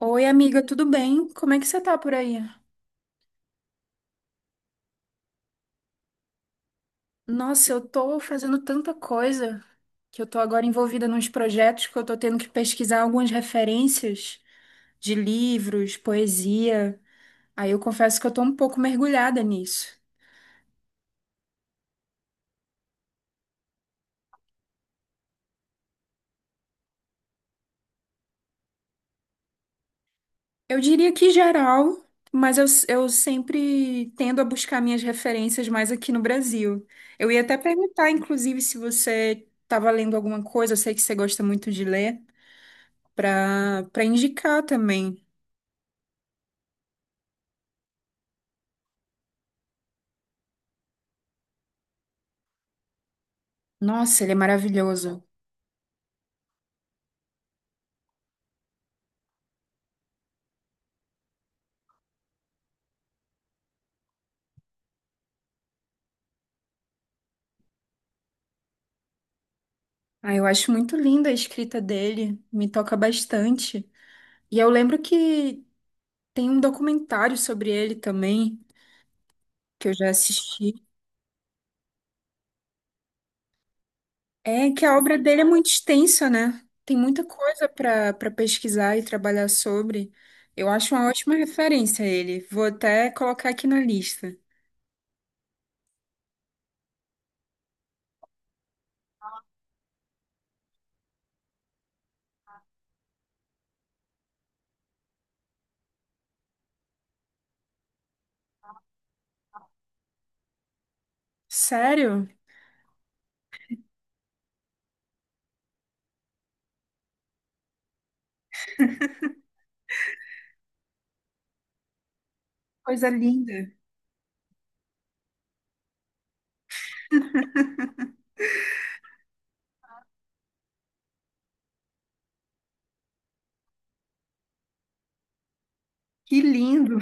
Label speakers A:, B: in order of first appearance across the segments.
A: Oi, amiga, tudo bem? Como é que você tá por aí? Nossa, eu tô fazendo tanta coisa que eu tô agora envolvida nos projetos que eu tô tendo que pesquisar algumas referências de livros, poesia. Aí eu confesso que eu tô um pouco mergulhada nisso. Eu diria que geral, mas eu sempre tendo a buscar minhas referências mais aqui no Brasil. Eu ia até perguntar, inclusive, se você estava lendo alguma coisa, eu sei que você gosta muito de ler, para indicar também. Nossa, ele é maravilhoso. Ah, eu acho muito linda a escrita dele, me toca bastante. E eu lembro que tem um documentário sobre ele também, que eu já assisti. É que a obra dele é muito extensa, né? Tem muita coisa para pesquisar e trabalhar sobre. Eu acho uma ótima referência a ele. Vou até colocar aqui na lista. Sério? Coisa linda. Que lindo.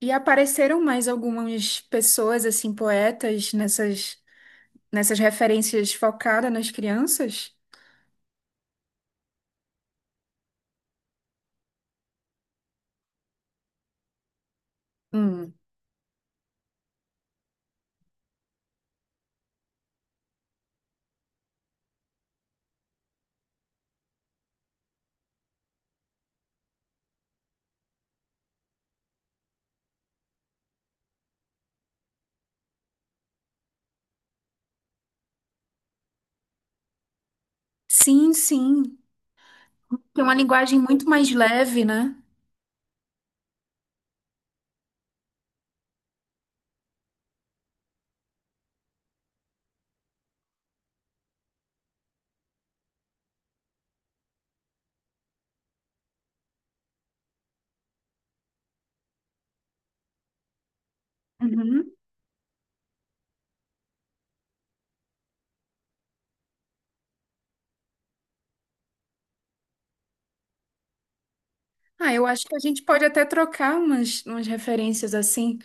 A: E apareceram mais algumas pessoas, assim, poetas nessas referências focadas nas crianças? Hum. Sim, sim. Tem uma linguagem muito mais leve, né? Uhum. Ah, eu acho que a gente pode até trocar umas referências assim.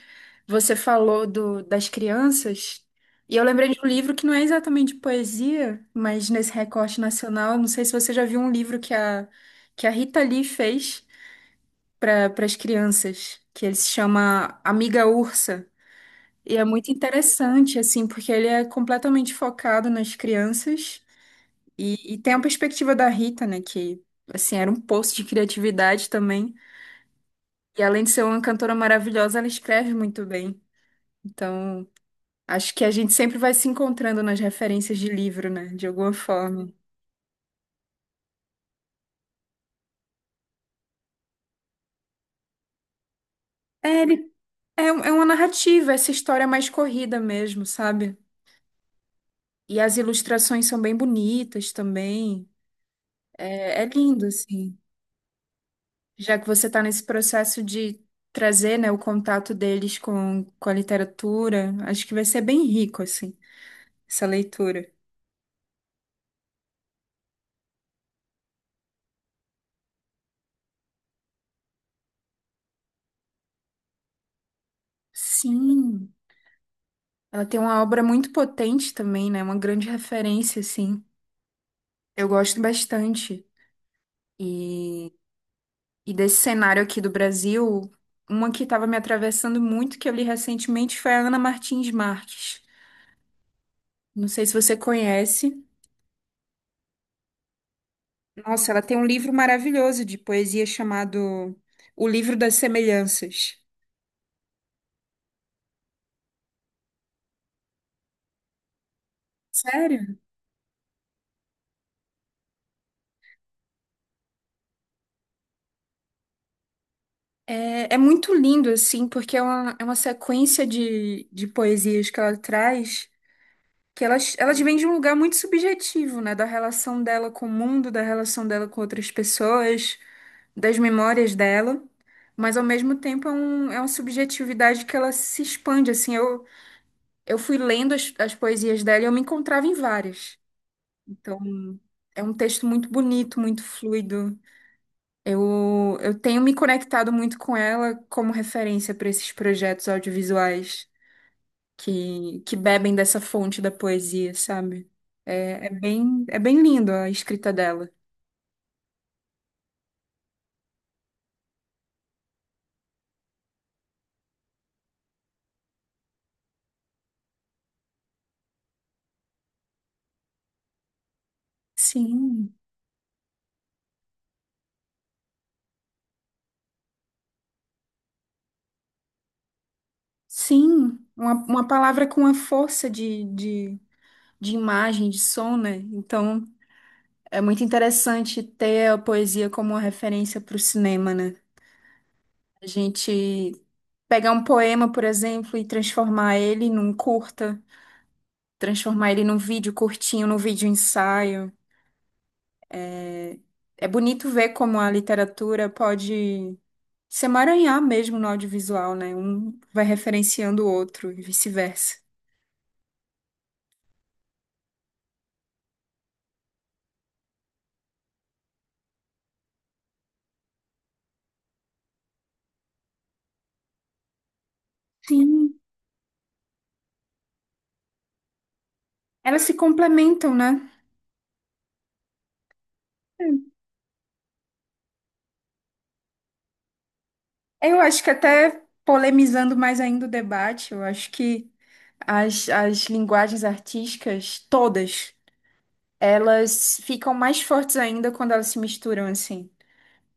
A: Você falou das crianças, e eu lembrei de um livro que não é exatamente poesia, mas nesse recorte nacional, não sei se você já viu um livro que a Rita Lee fez para as crianças, que ele se chama Amiga Ursa. E é muito interessante, assim, porque ele é completamente focado nas crianças e tem a perspectiva da Rita, né, que, assim, era um poço de criatividade também. E além de ser uma cantora maravilhosa, ela escreve muito bem. Então, acho que a gente sempre vai se encontrando nas referências de livro, né, de alguma forma. É, ele, é uma narrativa, essa história mais corrida mesmo, sabe? E as ilustrações são bem bonitas também. É, é lindo, assim. Já que você está nesse processo de trazer, né, o contato deles com a literatura, acho que vai ser bem rico, assim, essa leitura. Sim, ela tem uma obra muito potente também, né? Uma grande referência, assim. Eu gosto bastante. E, e desse cenário aqui do Brasil, uma que estava me atravessando muito, que eu li recentemente, foi a Ana Martins Marques. Não sei se você conhece. Nossa, ela tem um livro maravilhoso de poesia chamado O Livro das Semelhanças. Sério? É, é muito lindo, assim, porque é uma sequência de poesias que ela traz, que elas vêm de um lugar muito subjetivo, né? Da relação dela com o mundo, da relação dela com outras pessoas, das memórias dela. Mas, ao mesmo tempo, é, um, é uma subjetividade que ela se expande, assim. Eu fui lendo as, as poesias dela e eu me encontrava em várias. Então, é um texto muito bonito, muito fluido. Eu tenho me conectado muito com ela como referência para esses projetos audiovisuais que bebem dessa fonte da poesia, sabe? É, é bem lindo a escrita dela. Sim, sim. Uma palavra com a força de imagem, de som, né? Então, é muito interessante ter a poesia como uma referência para o cinema, né? A gente pegar um poema, por exemplo, e transformar ele num curta, transformar ele num vídeo curtinho, num vídeo ensaio. É, é bonito ver como a literatura pode se emaranhar mesmo no audiovisual, né? Um vai referenciando o outro e vice-versa. Sim. Elas se complementam, né? Eu acho que até polemizando mais ainda o debate, eu acho que as linguagens artísticas, todas, elas ficam mais fortes ainda quando elas se misturam, assim.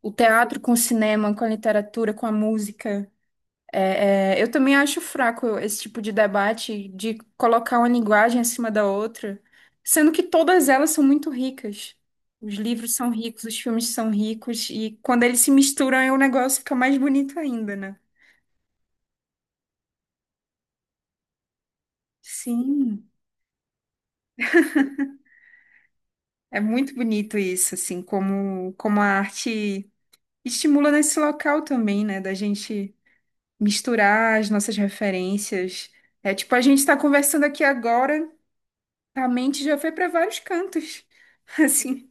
A: O teatro com o cinema, com a literatura, com a música. É, é, eu também acho fraco esse tipo de debate de colocar uma linguagem acima da outra, sendo que todas elas são muito ricas. Os livros são ricos, os filmes são ricos, e quando eles se misturam, aí o negócio fica mais bonito ainda, né? Sim, é muito bonito isso, assim, como, como a arte estimula nesse local também, né? Da gente misturar as nossas referências. É tipo, a gente está conversando aqui agora, a mente já foi para vários cantos, assim.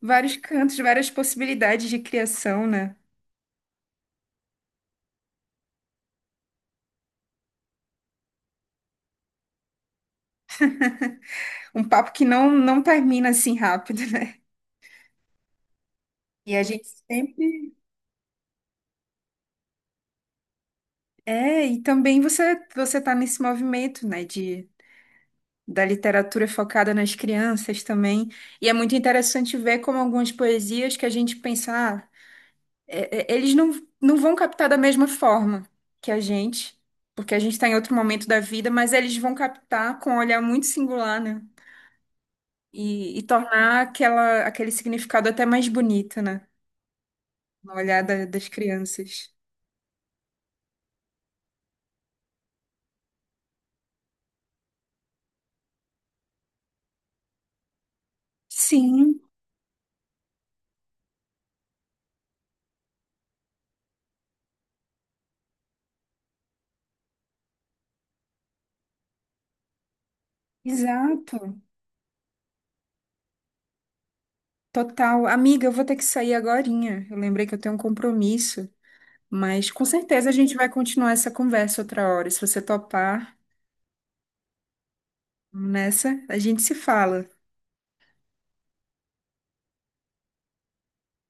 A: Vários cantos, várias possibilidades de criação, né? Um papo que não termina assim rápido, né? E a gente sempre. É, e também você tá nesse movimento, né, de da literatura focada nas crianças também. E é muito interessante ver como algumas poesias que a gente pensa, ah, eles não, não vão captar da mesma forma que a gente, porque a gente está em outro momento da vida, mas eles vão captar com um olhar muito singular, né? E, e tornar aquela, aquele significado até mais bonito, né? No olhar das crianças. Sim, exato. Total. Amiga, eu vou ter que sair agorinha. Eu lembrei que eu tenho um compromisso, mas com certeza a gente vai continuar essa conversa outra hora. Se você topar, vamos nessa, a gente se fala.